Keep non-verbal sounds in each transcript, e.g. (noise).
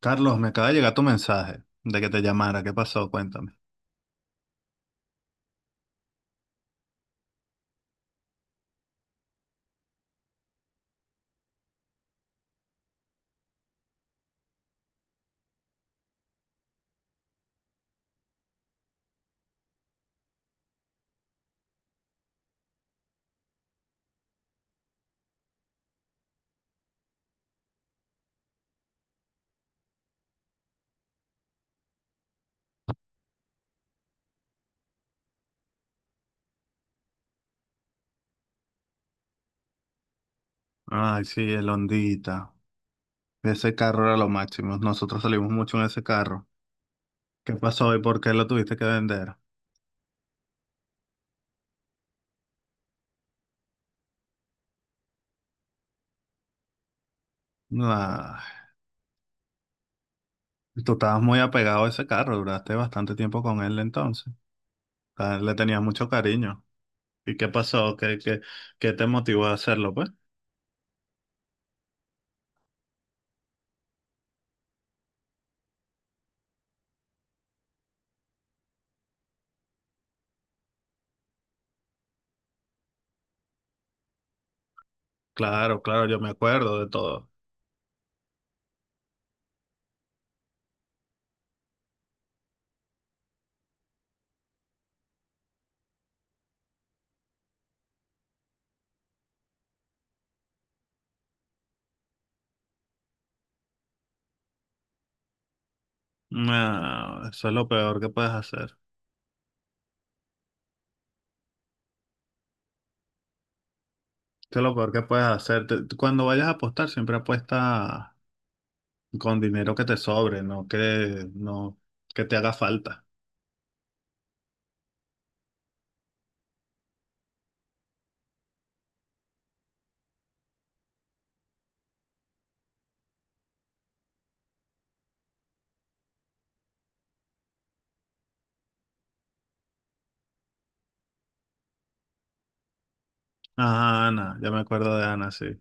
Carlos, me acaba de llegar tu mensaje de que te llamara. ¿Qué pasó? Cuéntame. Ay, sí, el Hondita. Ese carro era lo máximo. Nosotros salimos mucho en ese carro. ¿Qué pasó y por qué lo tuviste que vender? Ay, tú estabas muy apegado a ese carro. Duraste bastante tiempo con él entonces. Ah, le tenías mucho cariño. ¿Y qué pasó? ¿Qué te motivó a hacerlo, pues? Claro, claro, yo me acuerdo de todo. No, eso es lo peor que puedes hacer. Eso es lo peor que puedes hacer. Tú cuando vayas a apostar, siempre apuesta con dinero que te sobre, no que te haga falta. Ajá, Ana, ya me acuerdo de Ana, sí.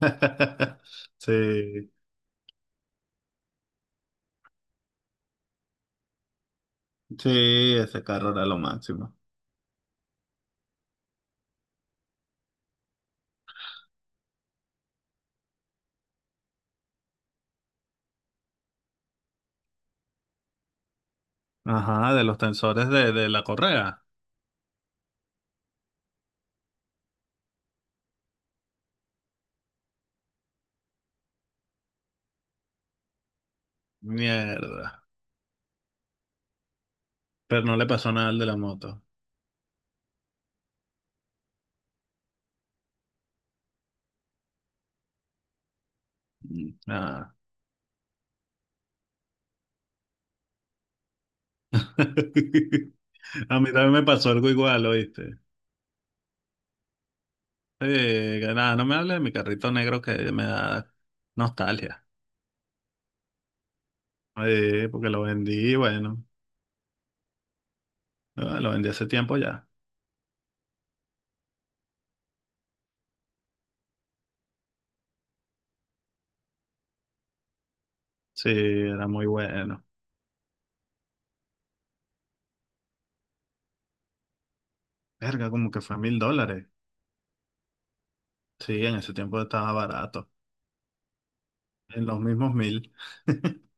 (laughs) Sí, sí, ese carro era lo máximo. Ajá, de los tensores de la correa. Mierda. Pero no le pasó nada al de la moto. Mm, nada. (laughs) A mí también me pasó algo igual, ¿oíste? Que nada, no me hables de mi carrito negro que me da nostalgia. Porque lo vendí, bueno, lo vendí hace tiempo ya. Sí, era muy bueno. Verga, como que fue $1000. Sí, en ese tiempo estaba barato. En los mismos 1000. (laughs)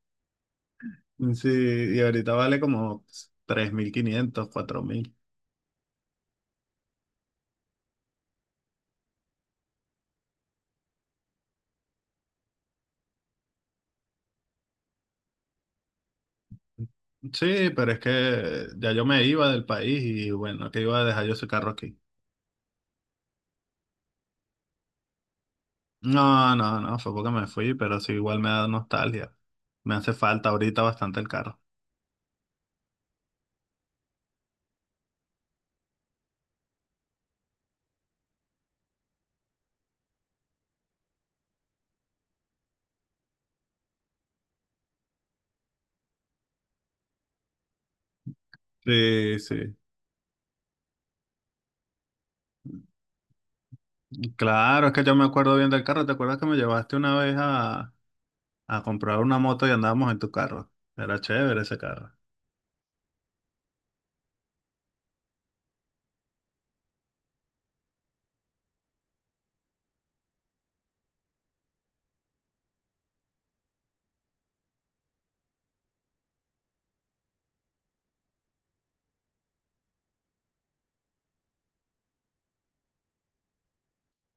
Sí, y ahorita vale como 3500, 4000. Sí, pero es que ya yo me iba del país y bueno, que iba a dejar yo ese carro aquí. No, no, no, fue porque me fui, pero sí, igual me da nostalgia. Me hace falta ahorita bastante el carro. Sí, sí. Claro, es que yo me acuerdo bien del carro. ¿Te acuerdas que me llevaste una vez a comprar una moto y andábamos en tu carro? Era chévere ese carro.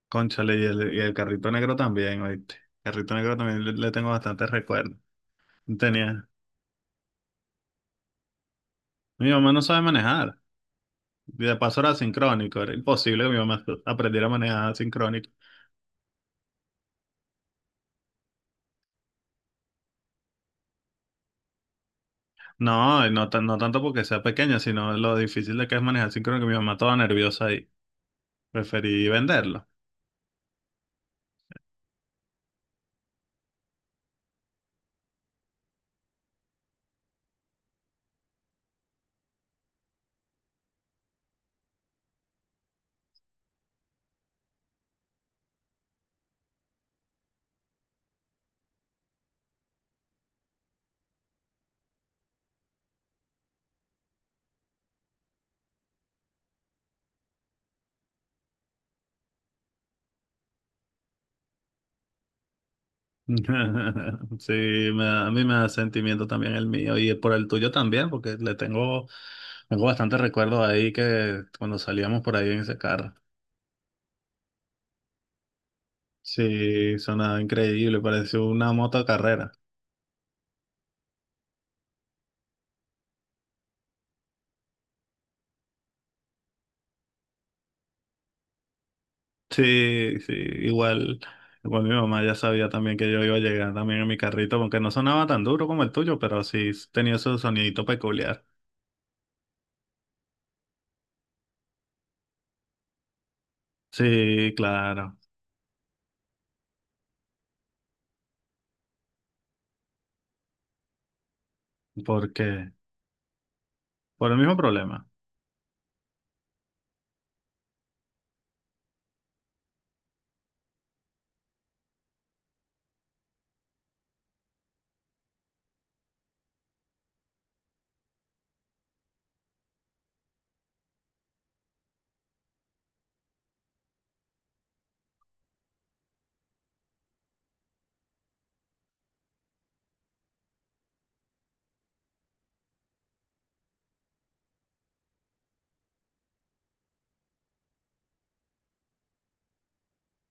Cónchale, y el carrito negro también, ¿oíste? El carrito negro también le tengo bastantes recuerdos. Tenía. Mi mamá no sabe manejar. Y de paso era sincrónico. Era imposible que mi mamá (laughs) aprendiera a manejar sincrónico. No, y no, no tanto porque sea pequeña, sino lo difícil de que es manejar sincrónico. Mi mamá toda nerviosa ahí. Preferí venderlo. (laughs) Sí, a mí me da sentimiento también el mío y por el tuyo también, porque le tengo, tengo bastantes recuerdos ahí que cuando salíamos por ahí en ese carro. Sí, sonaba increíble, pareció una moto carrera. Sí, sí, igual mi mamá ya sabía también que yo iba a llegar también en mi carrito, aunque no sonaba tan duro como el tuyo, pero sí tenía su sonidito peculiar. Sí, claro, porque por el mismo problema.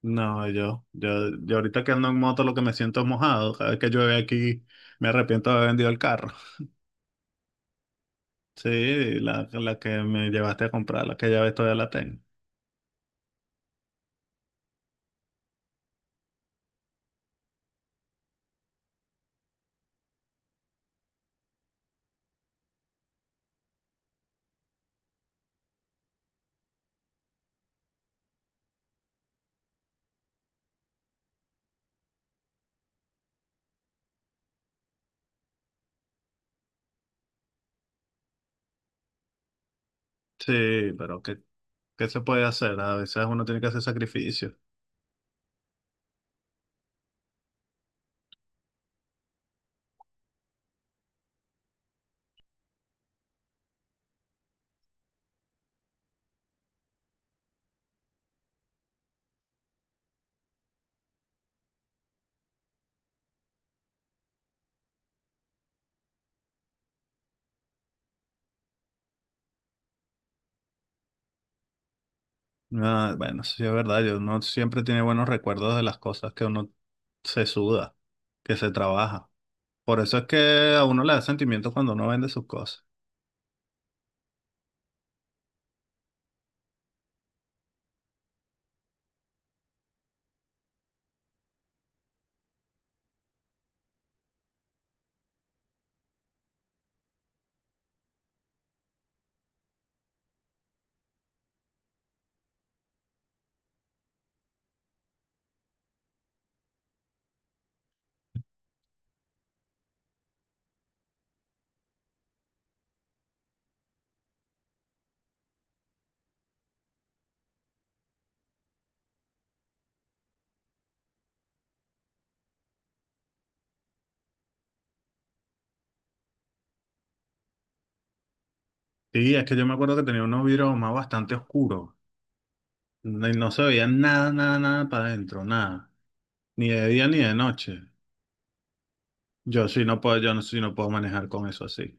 No, yo ahorita que ando en moto lo que me siento es mojado. Cada vez que llueve aquí me arrepiento de haber vendido el carro. (laughs) Sí, la que me llevaste a comprar, la que ya ves todavía la tengo. Sí, pero ¿qué, qué se puede hacer? A veces uno tiene que hacer sacrificios. Ah, bueno, sí es verdad, yo no siempre tiene buenos recuerdos de las cosas que uno se suda, que se trabaja. Por eso es que a uno le da sentimiento cuando uno vende sus cosas. Sí, es que yo me acuerdo que tenía unos vidrios más bastante oscuros. No, y no se veía nada, nada, nada para adentro, nada. Ni de día ni de noche. Yo sí no puedo, yo no, sí no puedo manejar con eso así.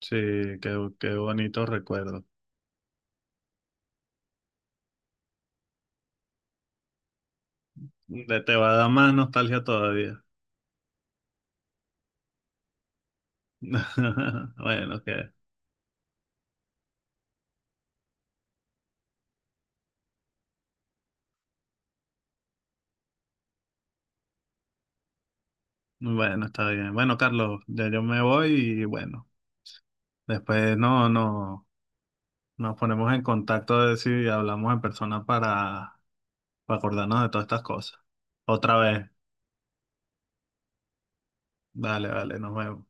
Sí, qué, qué bonito recuerdo. Te va a dar más nostalgia todavía. (laughs) Bueno, que, bueno, está bien. Bueno, Carlos, ya yo me voy y bueno, después no, no, nos ponemos en contacto a ver si hablamos en persona para acordarnos de todas estas cosas. Otra vez. Vale, vale, nos vemos.